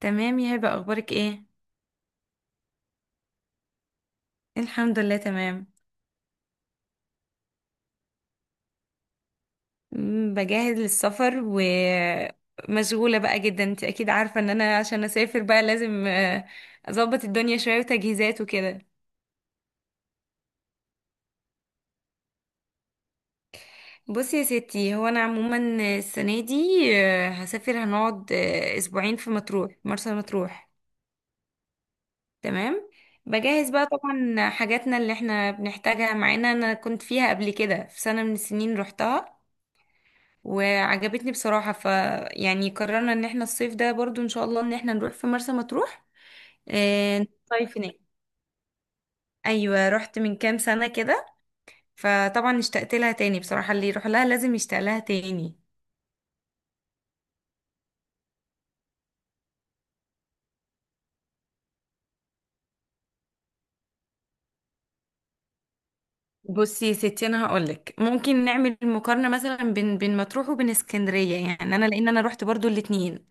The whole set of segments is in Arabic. تمام يا هبة، أخبارك إيه؟ الحمد لله تمام. بجهز للسفر، ومشغولة بقى جدا. أنت أكيد عارفة إن أنا عشان أسافر بقى لازم أظبط الدنيا شوية وتجهيزات وكده. بصي يا ستي، هو أنا عموما السنة دي هسافر، هنقعد أسبوعين في مطروح، مرسى مطروح. تمام. بجهز بقى طبعا حاجاتنا اللي احنا بنحتاجها معانا. أنا كنت فيها قبل كده في سنة من السنين، روحتها وعجبتني بصراحة، يعني قررنا ان احنا الصيف ده برضو ان شاء الله ان احنا نروح في مرسى مطروح. آه، نصيف هناك. ايوه، رحت من كام سنة كده، فطبعا اشتقت لها تاني بصراحة، اللي يروح لها لازم يشتاق لها تاني. بصي يا ستي، انا هقولك ممكن نعمل مقارنة مثلا بين مطروح وبين اسكندرية. يعني انا، لان انا رحت برضو الاتنين،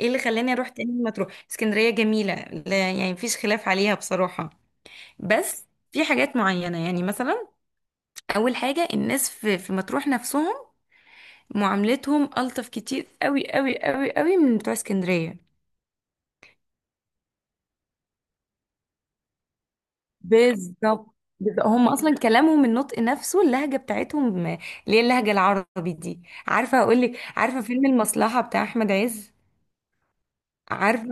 ايه اللي خلاني اروح تاني مطروح؟ اسكندرية جميلة، لا يعني مفيش خلاف عليها بصراحة. بس في حاجات معينة، يعني مثلا اول حاجه الناس في مطروح نفسهم، معاملتهم الطف كتير قوي قوي قوي قوي من بتوع اسكندريه. بالظبط، بالظبط. هم اصلا كلامهم، النطق نفسه، اللهجه بتاعتهم اللي هي اللهجه العربي دي. عارفه اقول لك، عارفه فيلم المصلحه بتاع احمد عز؟ عارفه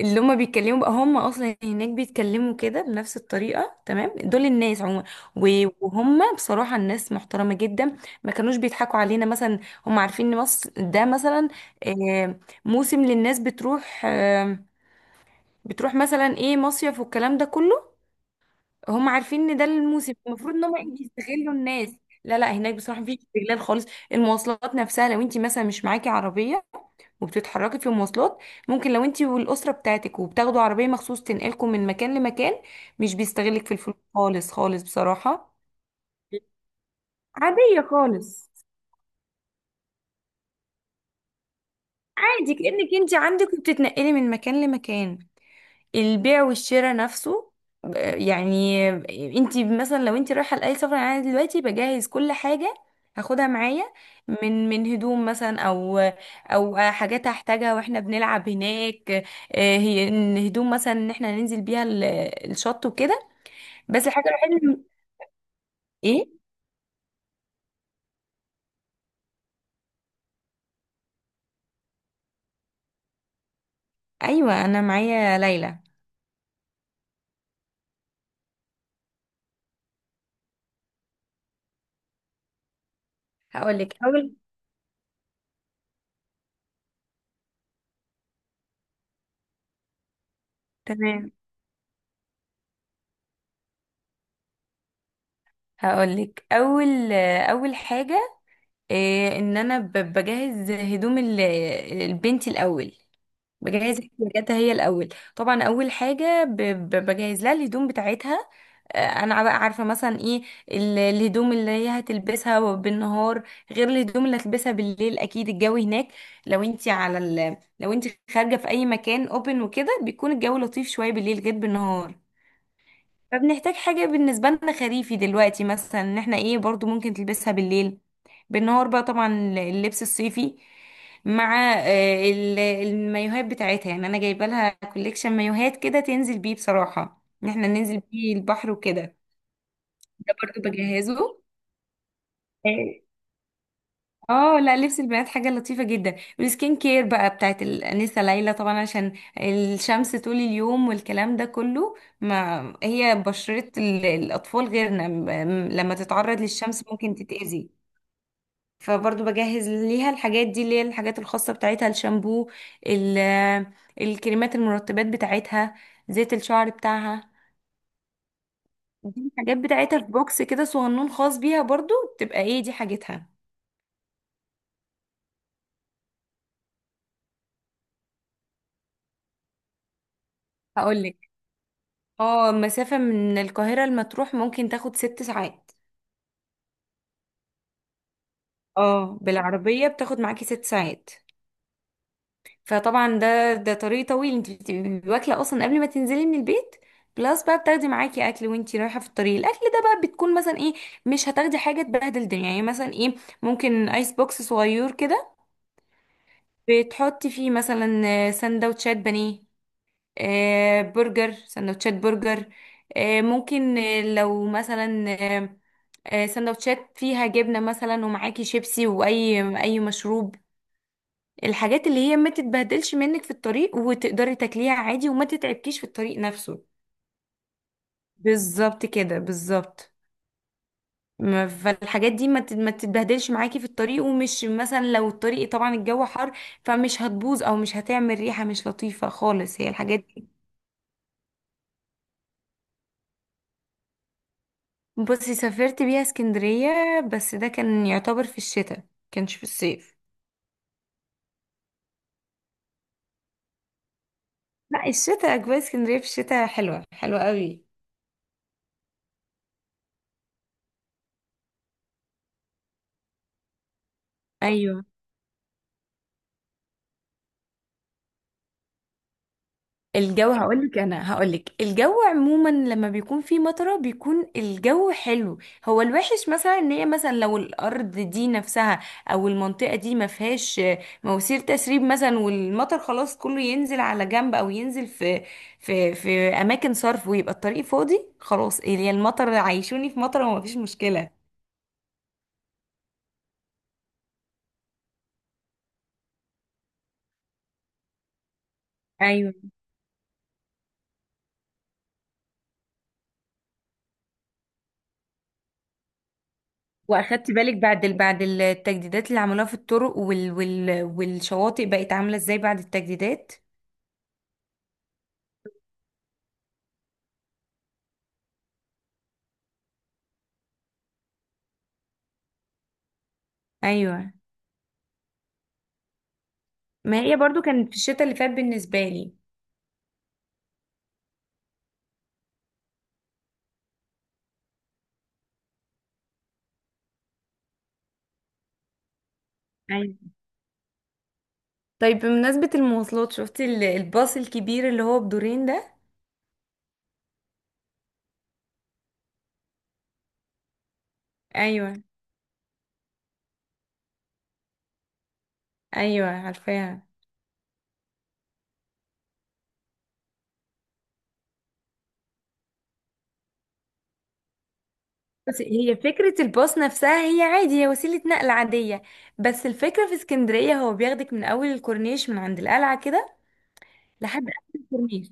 اللي هما بيتكلموا بقى، هما اصلا هناك بيتكلموا كده بنفس الطريقه، تمام. دول الناس عموما، وهما بصراحه الناس محترمه جدا، ما كانوش بيضحكوا علينا مثلا. هما عارفين ان مصر ده مثلا آه، موسم للناس بتروح مثلا ايه، مصيف والكلام ده كله. هم عارفين ان ده الموسم المفروض ان هم يستغلوا الناس. لا لا، هناك بصراحه مفيش استغلال خالص. المواصلات نفسها، لو انت مثلا مش معاكي عربيه وبتتحركي في المواصلات، ممكن لو انت والاسره بتاعتك وبتاخدوا عربيه مخصوص تنقلكم من مكان لمكان، مش بيستغلك في الفلوس خالص خالص بصراحه. عاديه خالص. عادي كانك انت عندك وبتتنقلي من مكان لمكان. البيع والشراء نفسه، يعني انت مثلا، لو انت رايحه لاي سفر، يعني انا دلوقتي بجهز كل حاجه هاخدها معايا، من هدوم مثلا، او حاجات هحتاجها واحنا بنلعب هناك، هي ان هدوم مثلا ان احنا ننزل بيها الشط وكده. بس الحاجه الوحيده ايه. ايوه، انا معايا ليلى. هقول لك اول. تمام. هقول لك اول، اول حاجه إيه، ان انا بجهز هدوم البنت الاول، بجهز احتياجاتها هي الاول. طبعا اول حاجه بجهز لها الهدوم بتاعتها. انا بقى عارفه مثلا ايه الهدوم اللي هي هتلبسها بالنهار، غير الهدوم اللي هتلبسها بالليل. اكيد الجو هناك، لو انت خارجه في اي مكان اوبن وكده، بيكون الجو لطيف شويه بالليل غير بالنهار. فبنحتاج حاجة بالنسبة لنا خريفي دلوقتي، مثلا ان احنا ايه، برضو ممكن تلبسها بالليل. بالنهار بقى طبعا اللبس الصيفي، مع المايوهات بتاعتها. يعني انا جايبه لها كوليكشن مايوهات كده تنزل بيه، بصراحة ان احنا ننزل بيه البحر وكده. ده برضو بجهزه. اه، لا، لبس البنات حاجة لطيفة جدا. والسكين كير بقى بتاعت الأنسة ليلى طبعا، عشان الشمس طول اليوم والكلام ده كله. ما هي بشرة الأطفال غيرنا، لما تتعرض للشمس ممكن تتأذي. فبرضه بجهز ليها الحاجات دي، اللي هي الحاجات الخاصة بتاعتها، الشامبو، ال- الكريمات، المرطبات بتاعتها، زيت الشعر بتاعها. دي الحاجات بتاعتها في بوكس كده صغنون خاص بيها برضه، تبقى ايه دي حاجتها. هقولك، اه مسافة من القاهرة لمطروح ممكن تاخد 6 ساعات. اه، بالعربية بتاخد معاكي 6 ساعات. فطبعا ده طريق طويل. انت بتبقي واكلة اصلا قبل ما تنزلي من البيت، بلس بقى بتاخدي معاكي اكل وانتي رايحة في الطريق. الاكل ده بقى بتكون مثلا ايه، مش هتاخدي حاجة تبهدل الدنيا، يعني مثلا ايه، ممكن ايس بوكس صغير كده بتحطي فيه مثلا سندوتشات بانيه، برجر، سندوتشات برجر، ممكن لو مثلا سندوتشات فيها جبنة مثلا، ومعاكي شيبسي وأي مشروب. الحاجات اللي هي ما تتبهدلش منك في الطريق وتقدري تاكليها عادي وما تتعبكيش في الطريق نفسه. بالظبط كده، بالظبط. فالحاجات دي ما تتبهدلش معاكي في الطريق، ومش مثلا، لو الطريق طبعا الجو حر، فمش هتبوظ او مش هتعمل ريحة مش لطيفة خالص، هي الحاجات دي. بصي، سافرت بيها اسكندرية، بس ده كان يعتبر في الشتاء، كانش في الصيف. لا، الشتاء اجواء اسكندرية في الشتاء حلوة حلوة قوي. ايوه. الجو هقولك انا هقولك الجو عموما لما بيكون فيه مطره بيكون الجو حلو. هو الوحش مثلا ان هي، مثلا لو الارض دي نفسها او المنطقه دي ما فيهاش مواسير تسريب مثلا، والمطر خلاص كله ينزل على جنب او ينزل في في اماكن صرف ويبقى الطريق فاضي خلاص. هي المطر عايشوني في مطره وما فيش مشكله. ايوه. واخدت بالك بعد التجديدات اللي عملوها في الطرق والشواطئ بقت عامله ازاي بعد التجديدات؟ ايوه، ما هي برضو كانت في الشتاء اللي فات بالنسبة لي. ايوه. طيب بمناسبة المواصلات، شفتي الباص الكبير اللي هو بدورين ده؟ ايوه، ايوه، عارفاها. بس هي فكرة الباص نفسها، هي عادي، هي وسيلة نقل عادية، بس الفكرة في اسكندرية هو بياخدك من أول الكورنيش، من عند القلعة كده، لحد آخر الكورنيش.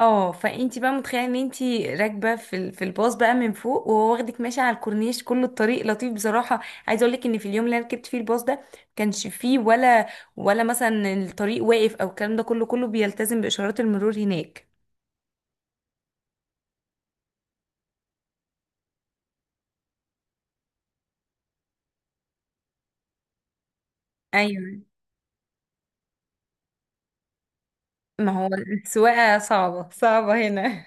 اه، فانتي بقى متخيله ان انتي راكبه في الباص بقى من فوق، وهو واخدك ماشيه على الكورنيش، كل الطريق لطيف بصراحه. عايزه اقول لك ان في اليوم اللي انا ركبت فيه الباص ده، كانش فيه ولا مثلا الطريق واقف او الكلام ده كله بيلتزم باشارات المرور هناك. ايوه، ما هو السواقه صعبه صعبه هنا.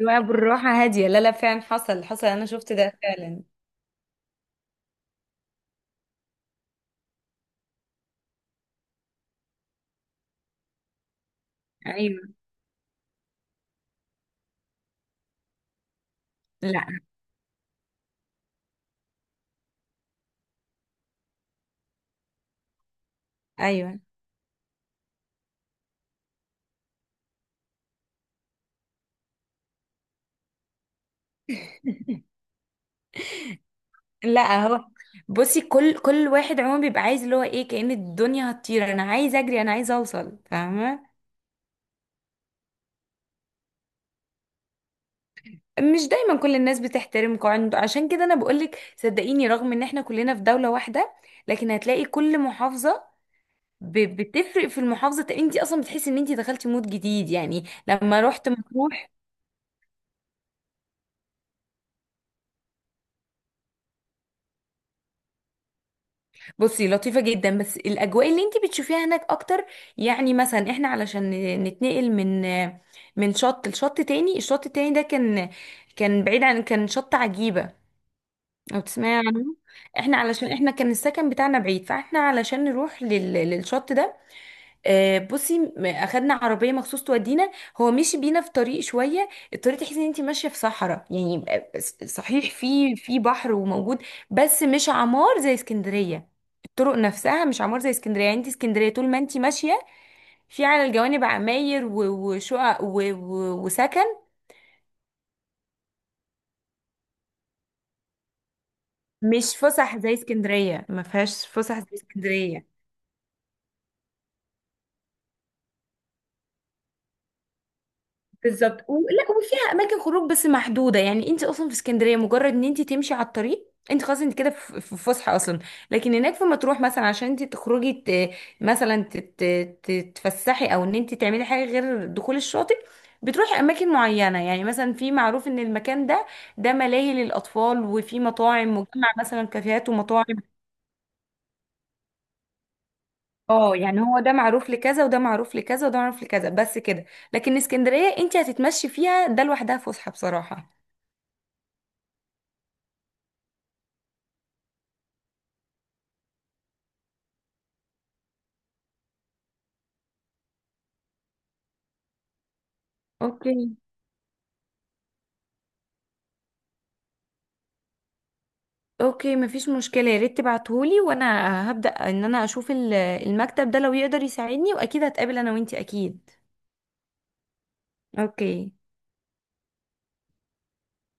السواقه بالراحه هاديه، لا لا، فعلا حصل، حصل، انا شفت ده فعلا. ايوه، لا، ايوه، لا هو، بصي كل واحد عموما بيبقى عايز اللي هو ايه، كأن الدنيا هتطير، انا عايز اجري، انا عايز اوصل، فاهمه. مش دايما كل الناس بتحترم قواعد، عشان كده انا بقولك صدقيني، رغم ان احنا كلنا في دولة واحدة لكن هتلاقي كل محافظة بتفرق في المحافظة، انت اصلا بتحسي ان انت دخلتي مود جديد يعني لما رحت مطروح. بصي، لطيفة جدا، بس الأجواء اللي انتي بتشوفيها هناك أكتر. يعني مثلا احنا علشان نتنقل من شط لشط تاني، الشط التاني ده كان بعيد، عن، كان شط عجيبة لو تسمعي عنه. احنا كان السكن بتاعنا بعيد، فاحنا علشان نروح للشط ده، بصي اخدنا عربيه مخصوص تودينا. هو مشي بينا في طريق، شويه الطريق تحسي ان انت ماشيه في صحراء، يعني صحيح في بحر وموجود، بس مش عمار زي اسكندريه. الطرق نفسها مش عمار زي اسكندريه، يعني انت اسكندريه طول ما انت ماشيه، في على الجوانب عماير وشقق وسكن. مش فسح زي اسكندريه، ما فيهاش فسح زي اسكندريه. بالظبط، ولا وفيها اماكن خروج بس محدوده. يعني انت اصلا في اسكندريه مجرد ان انت تمشي على الطريق انت خلاص، انت كده في فسحه اصلا. لكن هناك في مطروح مثلا عشان انت تخرجي مثلا تتفسحي، او ان انت تعملي حاجه غير دخول الشاطئ، بتروحي اماكن معينه، يعني مثلا في معروف ان المكان ده ملاهي للاطفال، وفي مطاعم مجمع مثلا، كافيهات ومطاعم. اه، يعني هو ده معروف لكذا، وده معروف لكذا، وده معروف لكذا، بس كده. لكن اسكندريه انت هتتمشي فيها ده لوحدها فسحه بصراحه. اوكي. اوكي، مفيش مشكلة، يا ريت تبعتهولي، وانا هبدأ ان انا اشوف المكتب ده لو يقدر يساعدني، واكيد هتقابل انا وانتي اكيد. اوكي.